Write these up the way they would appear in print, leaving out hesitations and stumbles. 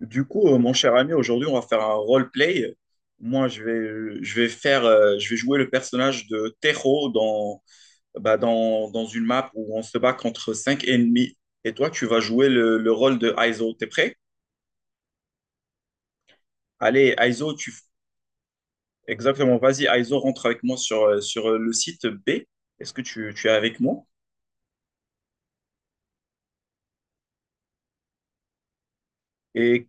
Mon cher ami, aujourd'hui, on va faire un roleplay. Moi, je vais jouer le personnage de Tero dans une map où on se bat contre cinq ennemis. Et toi, tu vas jouer le rôle de Aizo. T'es prêt? Allez, Aizo, tu... Exactement, vas-y, Aizo, rentre avec moi sur le site B. Est-ce que tu es avec moi? Et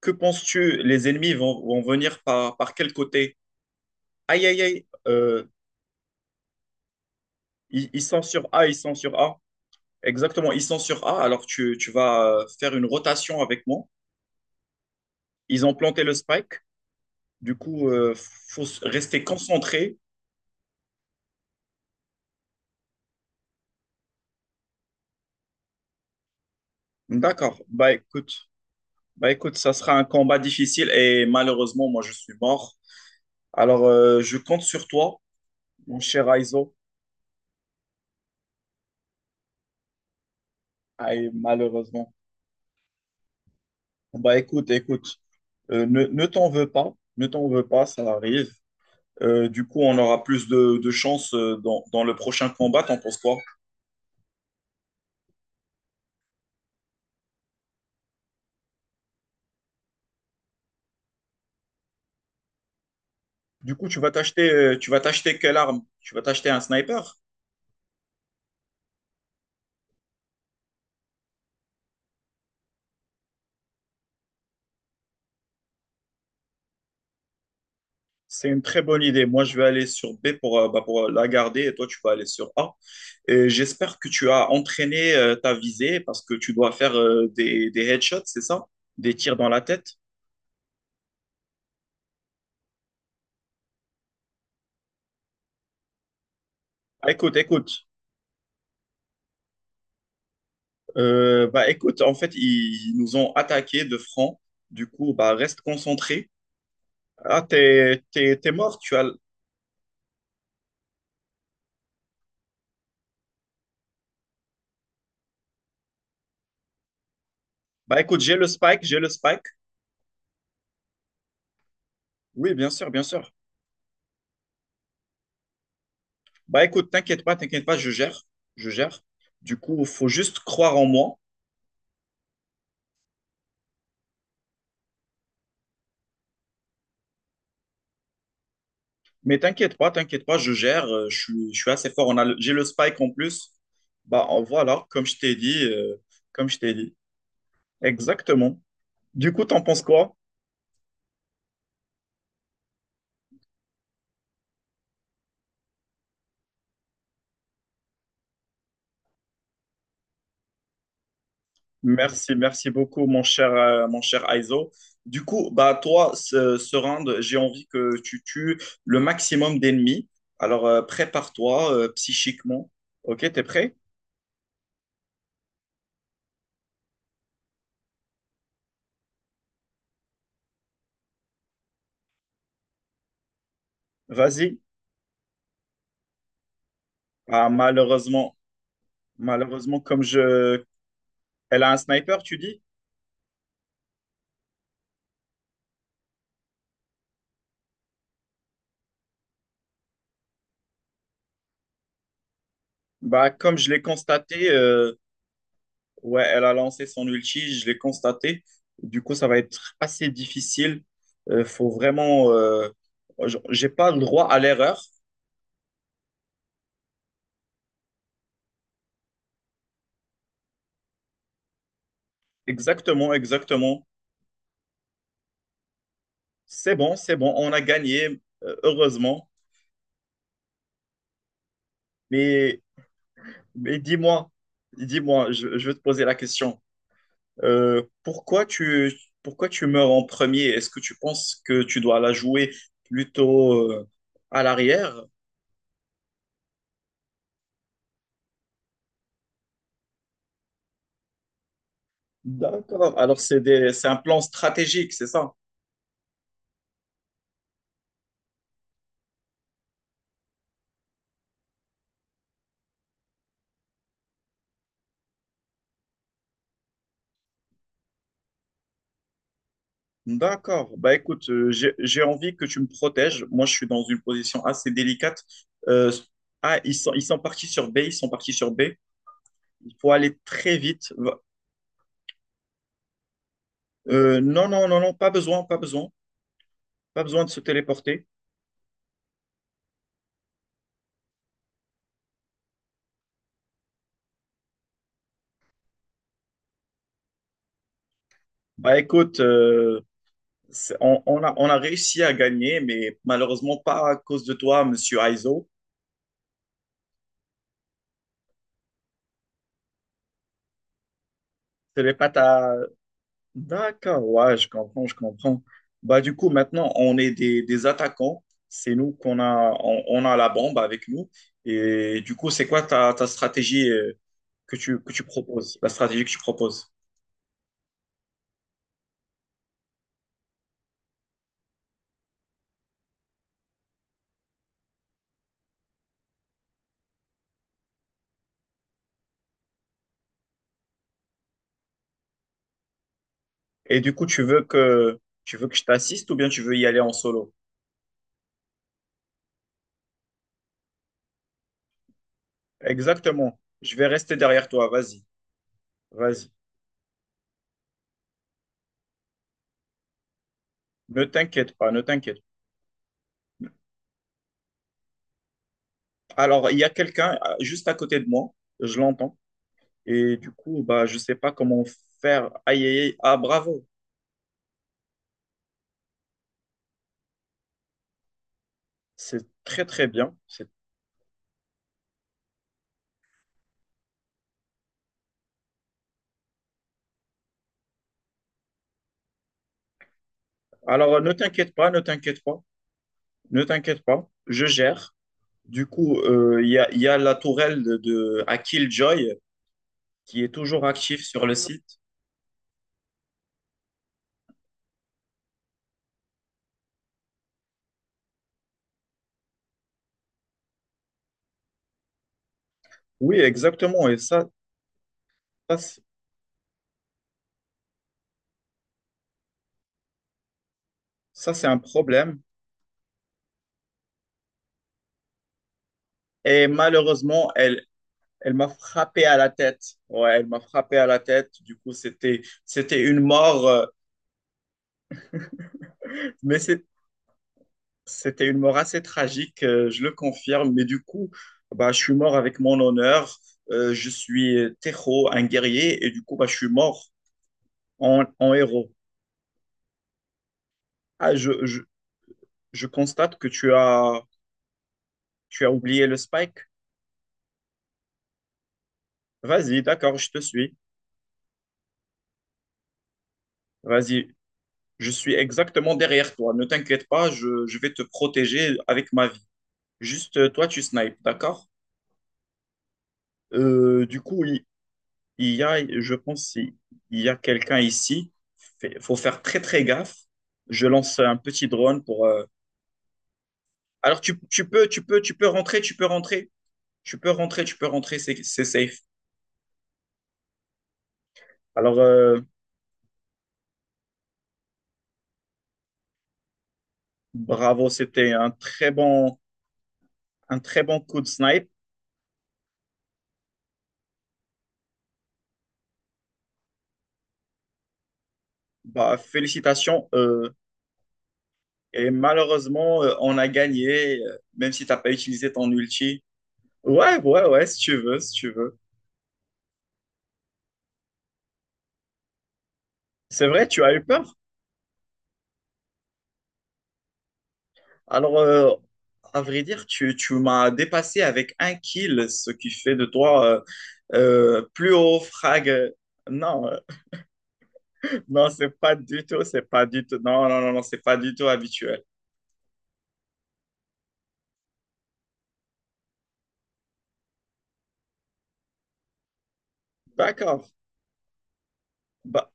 que penses-tu? Les ennemis vont venir par quel côté? Aïe, aïe, aïe. Ils sont sur A, ils sont sur A. Exactement, ils sont sur A, alors tu vas faire une rotation avec moi. Ils ont planté le spike, du coup, il faut rester concentré. D'accord, bah écoute, ça sera un combat difficile et malheureusement, moi je suis mort. Alors, je compte sur toi, mon cher Aizo. Ah, malheureusement. Bah écoute, écoute, ne t'en veux pas, ne t'en veux pas, ça arrive. Du coup, on aura plus de chance dans le prochain combat, t'en penses quoi? Du coup, tu vas t'acheter quelle arme? Tu vas t'acheter un sniper? C'est une très bonne idée. Moi, je vais aller sur B pour la garder et toi, tu vas aller sur A. Et j'espère que tu as entraîné ta visée parce que tu dois faire des headshots, c'est ça? Des tirs dans la tête. Ah, écoute, écoute. Écoute, en fait, ils nous ont attaqué de front. Du coup, bah, reste concentré. Ah, t'es mort. Tu as... Bah, écoute, j'ai le spike, j'ai le spike. Oui, bien sûr, bien sûr. Bah écoute, t'inquiète pas, je gère. Du coup, faut juste croire en moi. Mais t'inquiète pas, je gère. Je suis assez fort. J'ai le spike en plus. Bah en voilà, comme je t'ai dit. Exactement. Du coup, t'en penses quoi? Merci, merci beaucoup, mon cher Aizo. Du coup, bah toi, ce round, j'ai envie que tu tues le maximum d'ennemis. Alors, prépare-toi psychiquement. Ok, t'es prêt? Vas-y. Ah, malheureusement. Malheureusement, comme je... Elle a un sniper, tu dis? Bah, comme je l'ai constaté, Ouais, elle a lancé son ulti, je l'ai constaté. Du coup, ça va être assez difficile. Euh, faut vraiment... euh, J'ai pas le droit à l'erreur. Exactement, exactement. C'est bon, on a gagné, heureusement. Mais, mais dis-moi, je veux te poser la question. Euh, pourquoi tu, Pourquoi tu meurs en premier? Est-ce que tu penses que tu dois la jouer plutôt à l'arrière? D'accord. C'est un plan stratégique, c'est ça? D'accord. Bah écoute, j'ai envie que tu me protèges. Moi, je suis dans une position assez délicate. Euh, Ils sont partis sur B, ils sont partis sur B. Il faut aller très vite. Non, non, non, non, pas besoin, pas besoin. Pas besoin de se téléporter. Bah écoute, on, on a réussi à gagner, mais malheureusement pas à cause de toi, monsieur Aizo. Ce n'est pas ta... D'accord, ouais, je comprends, je comprends. Bah, du coup, maintenant, on est des attaquants. C'est nous qu'on a, on a la bombe avec nous. Et du coup, c'est quoi ta stratégie que tu proposes, la stratégie que tu proposes? Et du coup, tu veux que je t'assiste ou bien tu veux y aller en solo? Exactement. Je vais rester derrière toi. Vas-y, vas-y. Ne t'inquiète pas, ne t'inquiète. Alors, il y a quelqu'un juste à côté de moi, je l'entends, et du coup, bah, je ne sais pas comment faire. Aïe, aïe, aïe. Ah, bravo, c'est très, très bien. Ne t'inquiète pas, ne t'inquiète pas, ne t'inquiète pas, je gère. Du coup, il y a la tourelle à Killjoy qui est toujours active sur le site. Oui, exactement, et ça, ça, c'est ça, c'est un problème. Et malheureusement, elle, elle m'a frappé à la tête. Ouais, elle m'a frappé à la tête. Du coup, c'était une mort. Mais c'est- C'était une mort assez tragique, je le confirme. Mais du coup, bah, je suis mort avec mon honneur. Je suis Tejo, un guerrier, et du coup, bah, je suis mort en, en héros. Ah, je constate que tu as oublié le spike. Vas-y, d'accord, je te suis. Vas-y, je suis exactement derrière toi. Ne t'inquiète pas, je vais te protéger avec ma vie. Juste, toi, tu snipes, d'accord? Du coup, il y a, je pense, il y a quelqu'un ici. Il faut faire très, très gaffe. Je lance un petit drone pour. Alors, tu peux rentrer, tu peux rentrer. Tu peux rentrer, tu peux rentrer, c'est safe. Alors, bravo, c'était un très bon coup de snipe. Bah, félicitations. Et malheureusement, on a gagné, même si tu n'as pas utilisé ton ulti. Ouais, ouais, ouais, si tu veux, si tu veux. C'est vrai, tu as eu peur. Alors, euh, à vrai dire, tu m'as dépassé avec un kill, ce qui fait de toi plus haut frag. Non, euh, non, c'est pas du tout, c'est pas du tout. Non, non, non, non, c'est pas du tout habituel. D'accord, bah,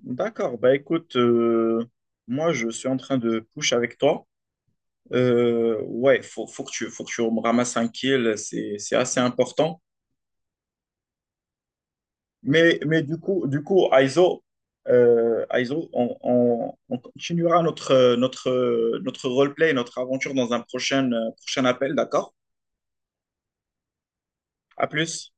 d'accord. Bah écoute, moi je suis en train de push avec toi. Faut que tu, faut que tu me ramasses un kill, c'est assez important. Mais du coup, Aizo, on continuera notre, notre, notre roleplay, notre aventure dans un prochain, prochain appel, d'accord? À plus.